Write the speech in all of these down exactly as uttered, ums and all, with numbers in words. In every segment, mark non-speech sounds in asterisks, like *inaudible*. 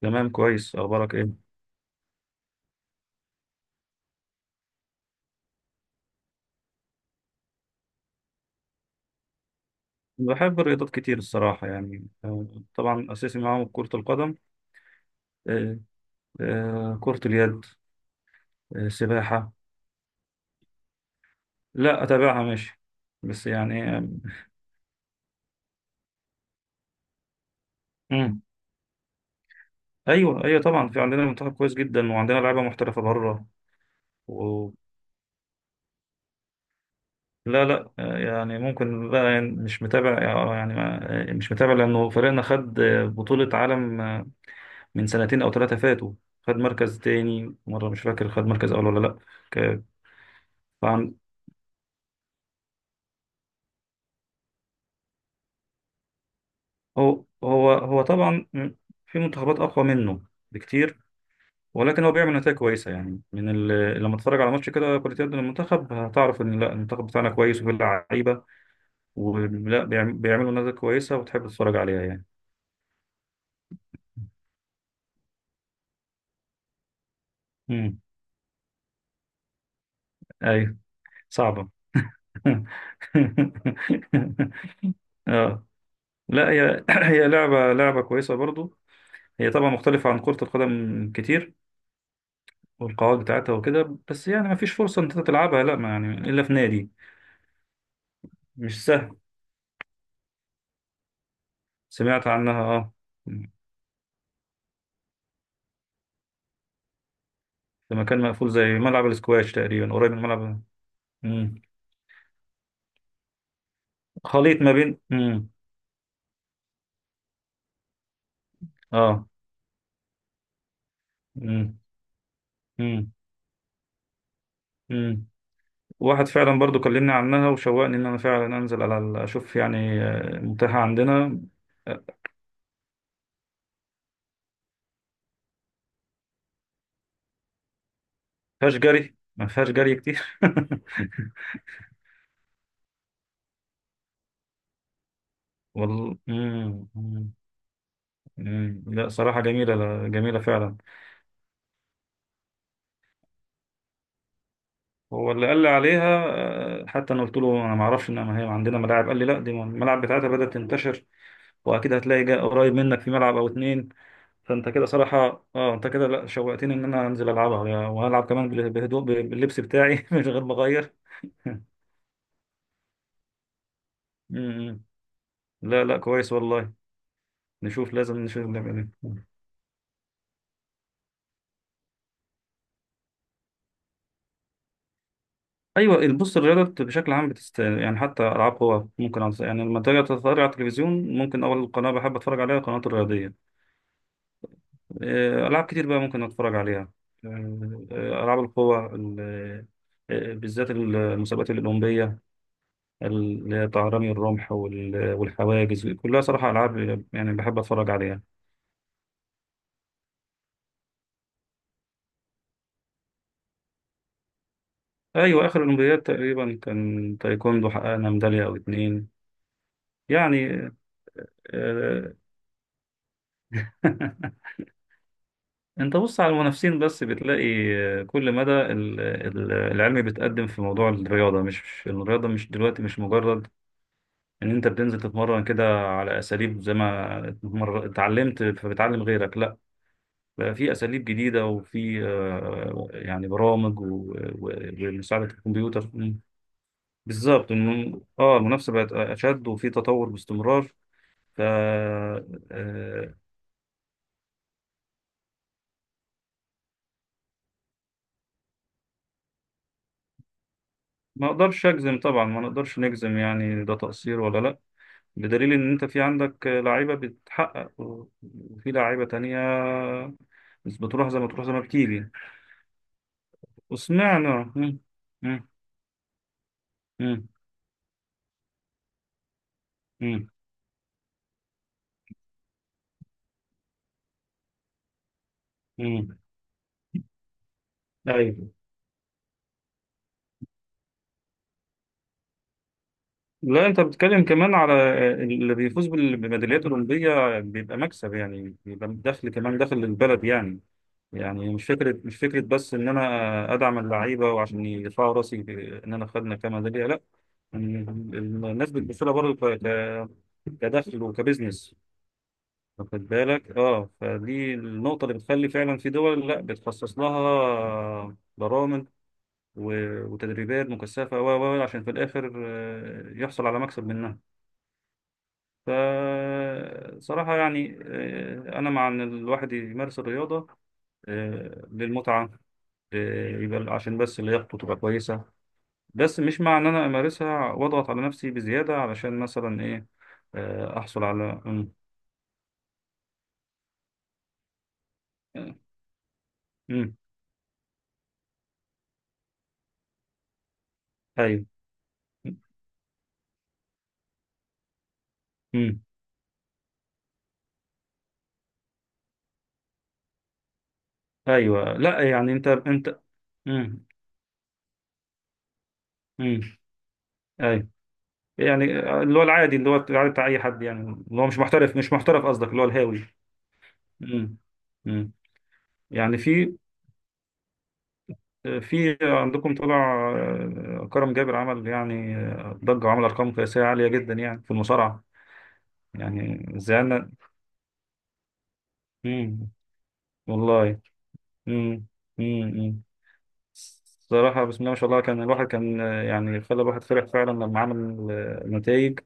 تمام، كويس. اخبارك ايه؟ بحب الرياضات كتير الصراحه يعني، آه، طبعا اساسي معاهم كره القدم. آه، آه، كره اليد. آه، سباحه. لا، اتابعها ماشي، بس يعني آه، مم. ايوه، ايوه، طبعا في عندنا منتخب كويس جدا وعندنا لعيبه محترفه بره. و... لا، لا، آه، يعني ممكن بقى يعني مش متابع. آه، يعني ما- آه، مش متابع لانه فريقنا خد آه، بطوله عالم آه، من سنتين او ثلاثه فاتوا. خد مركز تاني مره، مش فاكر خد مركز اول ولا لا. ك- فعندنا هو هو هو طبعا في منتخبات اقوى منه بكتير. ولكن هو بيعمل نتائج كويسه يعني من ال... لما تتفرج على ماتش كده كرة يد للمنتخب هتعرف ان لا، المنتخب بتاعنا كويس وفيه لعيبه، ولا بيعم- بيعملوا نتائج كويسه وتحب تتفرج عليها يعني. امم ايوه، صعبه. *laughs* اه. لا، هي *clears throat* هي لعبه لعبه كويسه برضو. هي طبعا مختلفه عن كره القدم كتير، والقواعد بتاعتها وكده، بس يعني ما فيش فرصه ان انت تلعبها، لا ما يعني الا في نادي. مش. سمعت عنها، اه، في مكان مقفول زي ملعب الاسكواش تقريبا، قريب من ملعب. مم. خليط ما بين مم. اه. مم. مم. مم. واحد فعلا برضو كلمني عنها وشوقني ان انا فعلا انزل على ال- اشوف يعني آه، متاحة عندنا. آه، فيهاش جري، ما فيهاش جري كتير. *laughs* والله. مم. مم. مم. لا صراحة جميلة، لا، جميلة فعلا. هو اللي قال لي عليها. آه، حتى انا قلت له انا ما اعرفش ان هي عندنا ملاعب. قال لي لا، دي الملاعب بتاعتها بدأت تنتشر، واكيد هتلاقي جا- قريب منك في ملعب او اتنين. فانت كده صراحه، اه، انت كده، لا، شوقتني ان انا انزل العبها يا- وهلعب كمان بال- بهدوء باللبس بتاعي *laughs* من غير ما اغير. *laughs* أمم. لا، لا، كويس والله. نشوف، لازم نشوف نعمل إيه. ايوه، بص، الرياضه بشكل عام بتست... يعني حتى العاب قوى ممكن أنصح- يعني لما تيجي تتفرج على التلفزيون ممكن اول قناه بحب اتفرج عليها القناه الرياضيه. آه، العاب كتير بقى ممكن اتفرج عليها. آه، آه، العاب القوى ال- آه، بالذات المسابقات الاولمبيه، اللي هي طهراني الرمح وال- والحواجز كلها، صراحة ألعاب يعني بحب أتفرج عليها. أيوة، آخر الأولمبياد تقريبا كان تايكوندو، حققنا ميدالية أو اتنين يعني آه، *laughs* أنت بص على المنافسين بس بتلاقي آه، كل مدى ال- ال- العلم بيتقدم في موضوع الرياضة، مش الرياضة مش دلوقتي، مش مجرد إن أنت بتنزل تتمرن كده على أساليب زي ما اتمر- اتعلمت فبتعلم غيرك، لا، بقى في اساليب جديده وفي آه، يعني برامج و- و- ومساعده الكمبيوتر مم. بالظبط الم- اه، المنافسه بقت اشد وفي تطور باستمرار. ف آه، ما اقدرش اجزم طبعا، ما نقدرش نجزم يعني ده تقصير ولا لا. بدليل ان انت في عندك لعيبه بتحقق وفي لعيبه تانية بس بتروح زي ما تروح، زي ما بتيجي. وسمعنا. مم. مم. مم. مم. مم. ايوه، لا، انت بتتكلم كمان على اللي بيفوز بال- بميداليات اولمبيه بيبقى مكسب، يعني بيبقى دخل كمان، دخل للبلد يعني. يعني مش فكره، مش فكره بس ان انا ادعم اللعيبه وعشان يرفعوا راسي ان انا خدنا كميداليه، لا، الناس بتبص لها برضه ك- ك- كدخل وكبزنس. واخد بالك، اه، فدي النقطة اللي بتخلي فعلا في دول لا بتخصص لها برامج و- وتدريبات مكثفة و و- عشان في الآخر آه، يحصل على مكسب منها. فصراحة يعني آه، أنا مع إن الواحد يمارس الرياضة آه، للمتعة، آه، يبقى عشان بس لياقته تبقى كويسة. بس مش مع إن أنا أمارسها وأضغط على نفسي بزيادة علشان مثلا إيه، آه، أحصل على مم. مم. أيوه. مم. أيوه، لا، يعني أنت أنت. مم. مم. أيوه، يعني آه، اللي هو العادي، اللي هو العادي بتاع أي حد يعني. اللي هو مش محترف، مش محترف قصدك اللي هو الهاوي. مم. مم. يعني في في عندكم طلع آه، كرم جابر، عمل يعني آه، ضجة وعمل أرقام قياسية عالية جدا يعني في المصارعة. يعني زعلنا. مم. والله. مم. مم. مم. صراحة، بسم الله ما شاء الله، كان الواحد كان آه، يعني خلى الواحد فرح فعلا لما عمل النتائج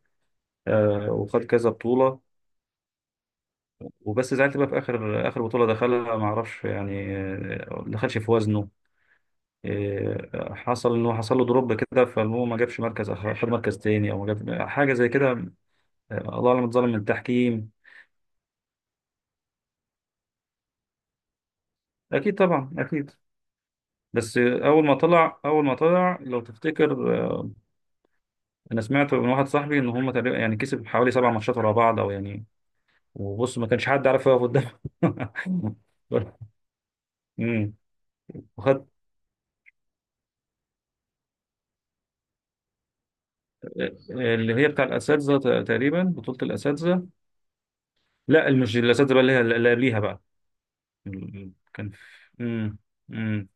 وخد كذا بطولة. وبس زعلت بقى في آخر، آخر بطولة دخلها، ما أعرفش يعني آه، ما دخلش في وزنه. آه، حصل إنه حصل له دروب كده، فالمهم ما جابش مركز آخر- خد مركز تاني أو ما جاب حاجة زي كده، الله اعلم اتظلم من التحكيم. اكيد، طبعا اكيد. بس اول ما طلع، اول ما طلع لو تفتكر، آه، انا سمعت من واحد صاحبي ان هم تقريبا يعني كسب حوالي سبع ماتشات ورا بعض او يعني، وبص، ما كانش حد عارف يقف قدامه. *laughs* أمم. وخد آه، اللي هي بتاع الاساتذه، ت- تقريبا بطوله الاساتذه. لا، مش الاساتذه بقى، اللي هي اللي قبليها بقى. ال- كان في- امم. امم.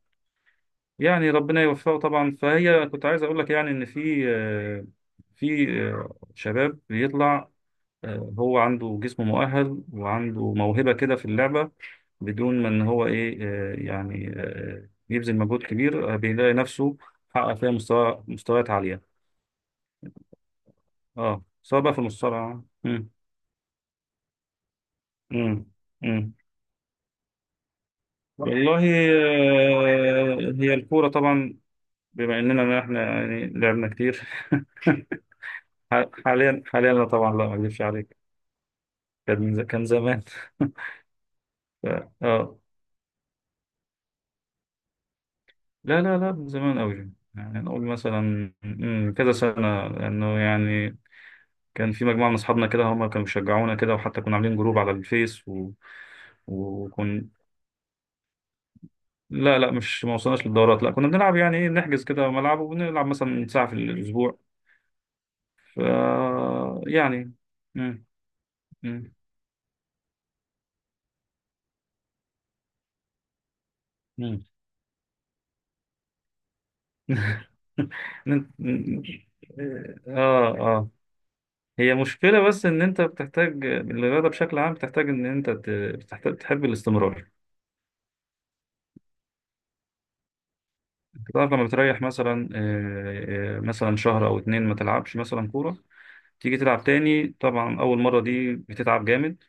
يعني ربنا يوفقه طبعا. فهي كنت عايز اقول لك يعني ان في آه، في آه، شباب بيطلع، آه، هو عنده جسم مؤهل وعنده موهبة كده في اللعبة، بدون ما ان هو ايه، آه، يعني آه، يبذل مجهود كبير، آه، بيلاقي نفسه حقق فيها مستوى مستويات عالية. اه سواء بقى في المصارعة. مم. مم. مم. والله آه، هي الكورة طبعا، بما اننا احنا يعني لعبنا كتير. *laughs* حاليا، حاليا لا، طبعا لا، ما اكذبش عليك. كان كان زمان. *laughs* ف- اه، لا، لا، لا، من زمان قوي، يعني نقول مثلا مم، كذا سنة، لأنه يعني كان في مجموعة من أصحابنا كده هم كانوا بيشجعونا كده وحتى كنا عاملين جروب على الفيس و... وكن لا، لا، مش ما وصلناش للدورات، لا كنا بنلعب يعني إيه، نحجز كده ملعب وبنلعب مثلا ساعة في الأسبوع. ف يعني مم، مم، مم. *laughs* نن- نن- اه، اه. هي مشكلة بس إن أنت بتحتاج الرياضة بشكل عام، بتحتاج إن أنت ت- بتحتاج تحب الاستمرار. تعرف لما بتريح مثلا آه، آه، مثلا شهر او اتنين ما تلعبش مثلا كوره، تيجي تلعب تاني طبعا اول مره دي بتتعب جامد،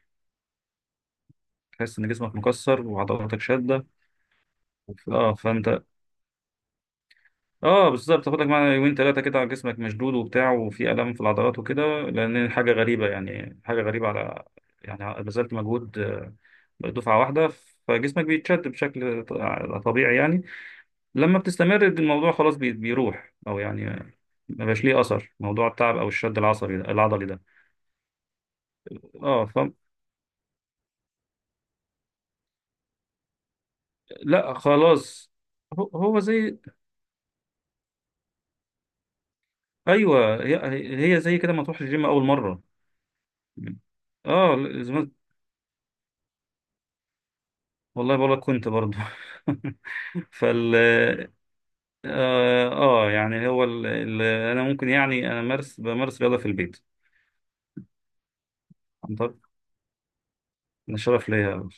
تحس ان جسمك مكسر وعضلاتك شاده. وف- اه فانت، اه، بالظبط، تاخد لك معانا يومين ثلاثه كده على جسمك مشدود وبتاع وفي الام في العضلات وكده، لان حاجه غريبه، يعني حاجه غريبه على، يعني بذلت مجهود آه، دفعه واحده، فجسمك بيتشد بشكل ط- طبيعي يعني. لما بتستمر الموضوع خلاص بي- بيروح، او يعني ما بقاش ليه اثر موضوع التعب او الشد العصبي ده، العضلي ده. اه. ف لا خلاص. هو هو زي، ايوه، هي هي زي كده ما تروح الجيم اول مره. اه، زمان، والله بقول لك كنت برضه. *laughs* فال اه آه، يعني هو ال... ال... انا ممكن يعني انا مارس بمارس رياضه في البيت، عن طريق، انا شرف ليا.